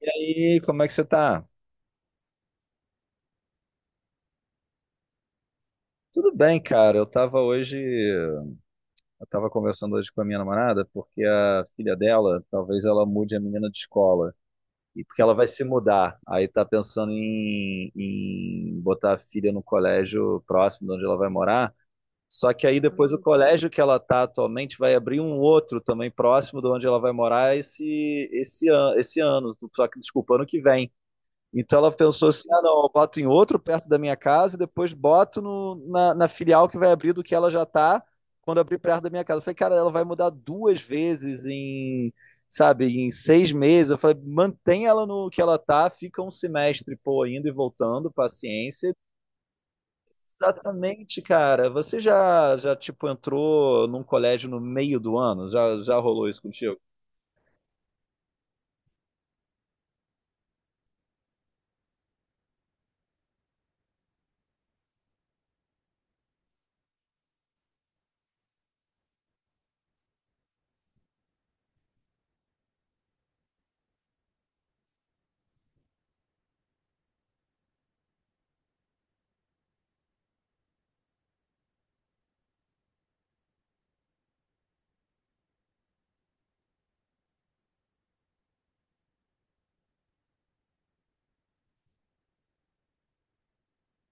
E aí, como é que você tá? Tudo bem, cara. Eu tava conversando hoje com a minha namorada, porque a filha dela, talvez ela mude a menina de escola. E porque ela vai se mudar. Aí tá pensando em botar a filha no colégio próximo de onde ela vai morar. Só que aí depois o colégio que ela tá atualmente vai abrir um outro também próximo de onde ela vai morar esse ano. Só que, desculpa, ano que vem. Então ela pensou assim: ah, não, eu boto em outro perto da minha casa e depois boto na filial que vai abrir do que ela já tá quando abrir perto da minha casa. Eu falei, cara, ela vai mudar duas vezes sabe, em 6 meses. Eu falei, mantém ela no que ela tá, fica um semestre, pô, indo e voltando, paciência. Exatamente, cara. Você já tipo, entrou num colégio no meio do ano? Já rolou isso contigo?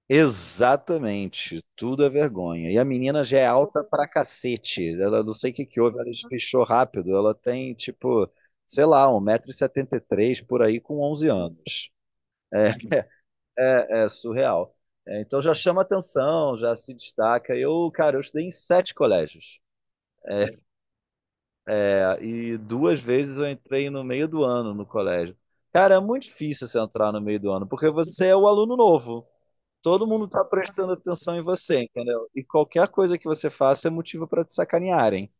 Exatamente, tudo é vergonha. E a menina já é alta pra cacete. Ela não sei o que que houve, ela espichou rápido. Ela tem, tipo, sei lá, 1,73 m por aí com 11 anos. É, é surreal. É, então já chama atenção, já se destaca. Eu, cara, eu estudei em sete colégios. É, e duas vezes eu entrei no meio do ano no colégio. Cara, é muito difícil você entrar no meio do ano, porque você é o aluno novo. Todo mundo está prestando atenção em você, entendeu? E qualquer coisa que você faça é motivo para te sacanearem.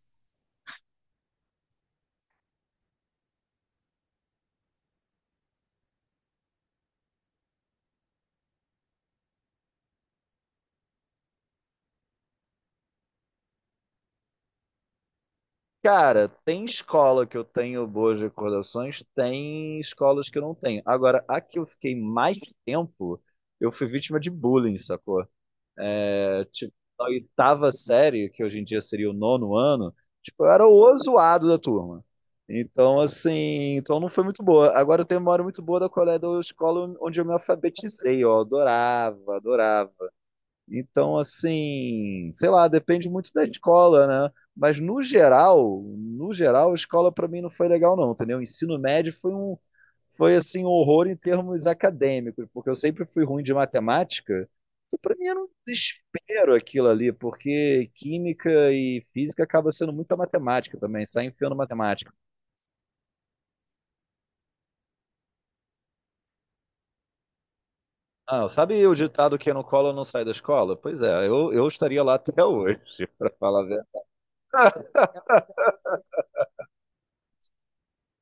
Cara, tem escola que eu tenho boas recordações, tem escolas que eu não tenho. Agora, a que eu fiquei mais tempo, eu fui vítima de bullying, sacou? É, tipo, na oitava série, que hoje em dia seria o nono ano, tipo, eu era o zoado da turma. Então, assim, então não foi muito boa. Agora eu tenho memória muito boa da colé da escola onde eu me alfabetizei, ó, adorava, adorava. Então, assim, sei lá, depende muito da escola, né? Mas no geral, no geral, a escola para mim não foi legal não, entendeu? O ensino médio foi assim um horror em termos acadêmicos, porque eu sempre fui ruim de matemática. Então, para mim era um desespero aquilo ali, porque química e física acaba sendo muita matemática também, sai enfiando matemática. Ah, sabe o ditado que não cola não sai da escola? Pois é, eu estaria lá até hoje, para falar a verdade.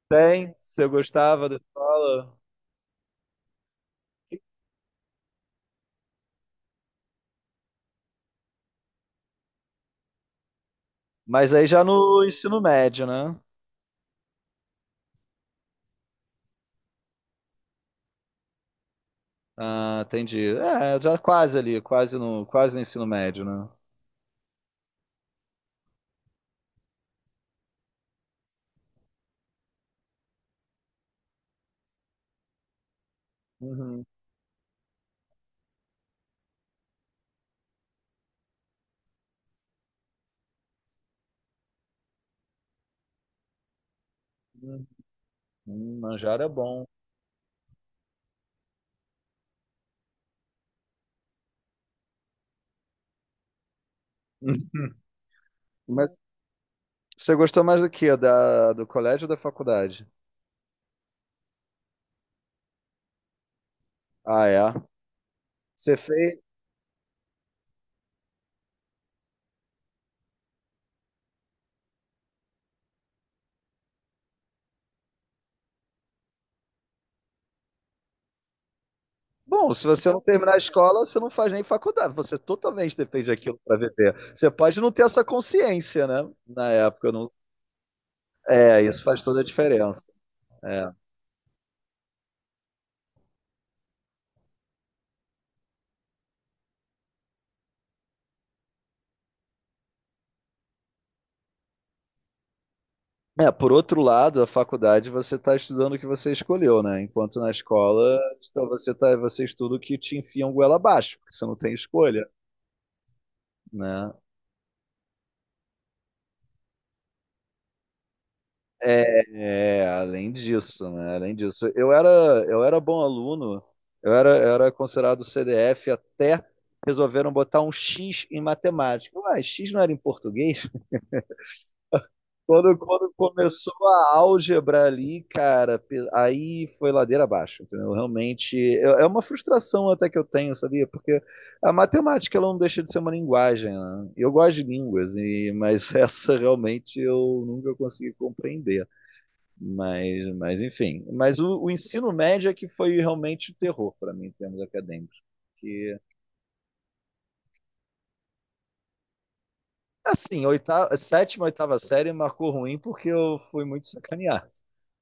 Tem, se eu gostava da escola, o que Mas aí já no ensino médio, né? Ah, entendi. É, já quase ali, quase no ensino médio, né? Uhum. Uhum. Manjar é bom. Mas você gostou mais do que? Da, do colégio ou da faculdade? Ah, é. Você fez. Bom, se você não terminar a escola, você não faz nem faculdade. Você totalmente depende daquilo para viver. Você pode não ter essa consciência, né? Na época, eu não. É, isso faz toda a diferença. É. É, por outro lado, a faculdade você está estudando o que você escolheu, né? Enquanto na escola, então você tá, você estuda o que te enfiam goela abaixo, porque você não tem escolha, né? É, é, além disso, né? Além disso, eu era bom aluno, eu era considerado CDF até resolveram botar um X em matemática. Ué, X não era em português? Quando começou a álgebra ali, cara, pe- aí foi ladeira abaixo, entendeu? Realmente, é uma frustração até que eu tenho, sabia? Porque a matemática, ela não deixa de ser uma linguagem, né? Eu gosto de línguas, e, mas essa realmente eu nunca consegui compreender. Mas enfim. Mas o ensino médio é que foi realmente o terror para mim, em termos acadêmicos. Que, assim, oitava, sétima, oitava série marcou ruim porque eu fui muito sacaneado.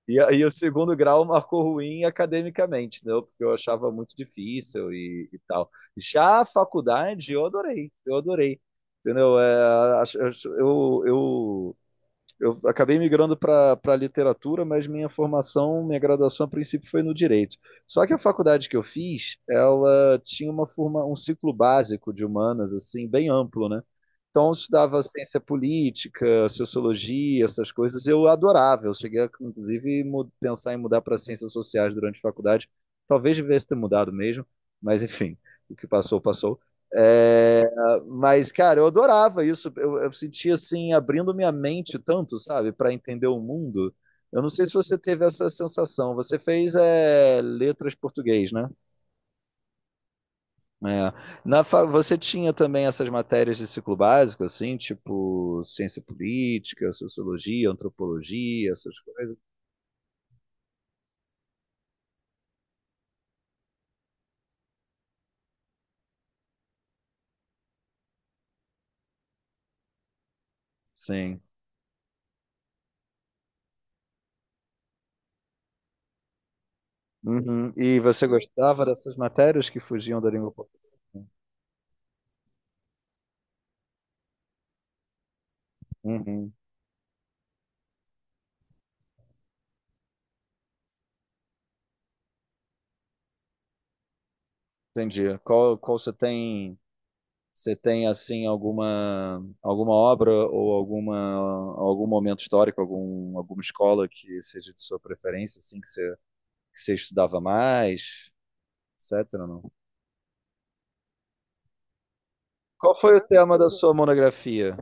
E aí o segundo grau marcou ruim academicamente, né? Porque eu achava muito difícil e tal. Já a faculdade eu adorei, eu adorei. Entendeu? É, eu acabei migrando para a literatura, mas minha formação, minha graduação a princípio foi no direito. Só que a faculdade que eu fiz, ela tinha uma forma, um ciclo básico de humanas assim bem amplo, né? Então eu estudava ciência política, sociologia, essas coisas, eu adorava. Eu cheguei a, inclusive mu- pensar em mudar para ciências sociais durante a faculdade. Talvez devesse ter mudado mesmo, mas enfim, o que passou, passou. É, ah, mas, cara, eu adorava isso. Eu sentia assim, abrindo minha mente tanto, sabe, para entender o mundo. Eu não sei se você teve essa sensação. Você fez é, letras português, né? É. Na fa- Você tinha também essas matérias de ciclo básico, assim, tipo ciência política, sociologia, antropologia, essas coisas? Sim. Uhum. E você gostava dessas matérias que fugiam da língua portuguesa? Uhum. Entendi. Qual, qual você tem Você tem assim alguma obra ou algum momento histórico, alguma escola que seja de sua preferência, assim que você estudava mais, etc. Não? Qual foi o tema da sua monografia?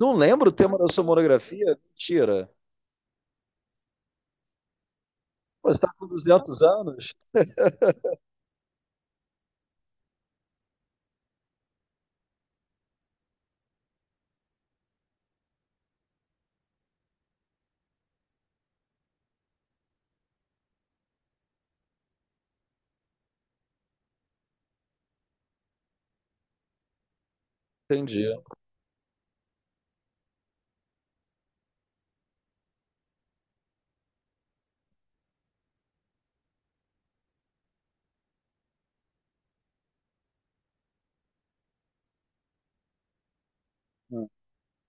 Não lembro o tema da sua monografia? Mentira. Pô, você está com 200 anos? Entendi. Hum,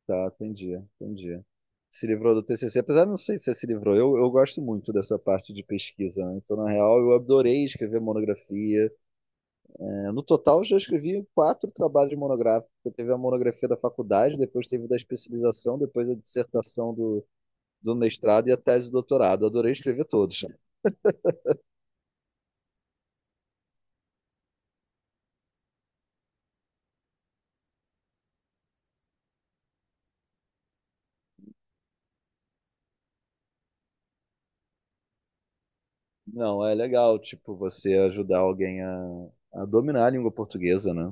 Tá, entendi, entendi. Se livrou do TCC, apesar de não sei se você se livrou. Eu gosto muito dessa parte de pesquisa, né? Então, na real, eu adorei escrever monografia. É, no total, eu já escrevi quatro trabalhos monográficos. Eu teve a monografia da faculdade, depois teve da especialização, depois a dissertação do mestrado e a tese do doutorado. Eu adorei escrever todos. Não, é legal, tipo, você ajudar alguém a dominar a língua portuguesa, né?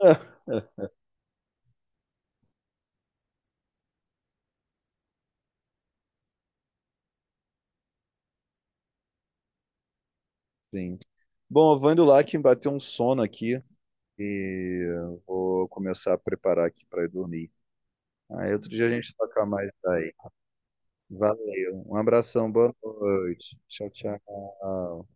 Sim. Bom, eu vou indo lá que bateu um sono aqui e eu vou começar a preparar aqui para ir dormir. Aí outro dia a gente toca mais daí. Valeu. Um abração, boa noite. Tchau, tchau.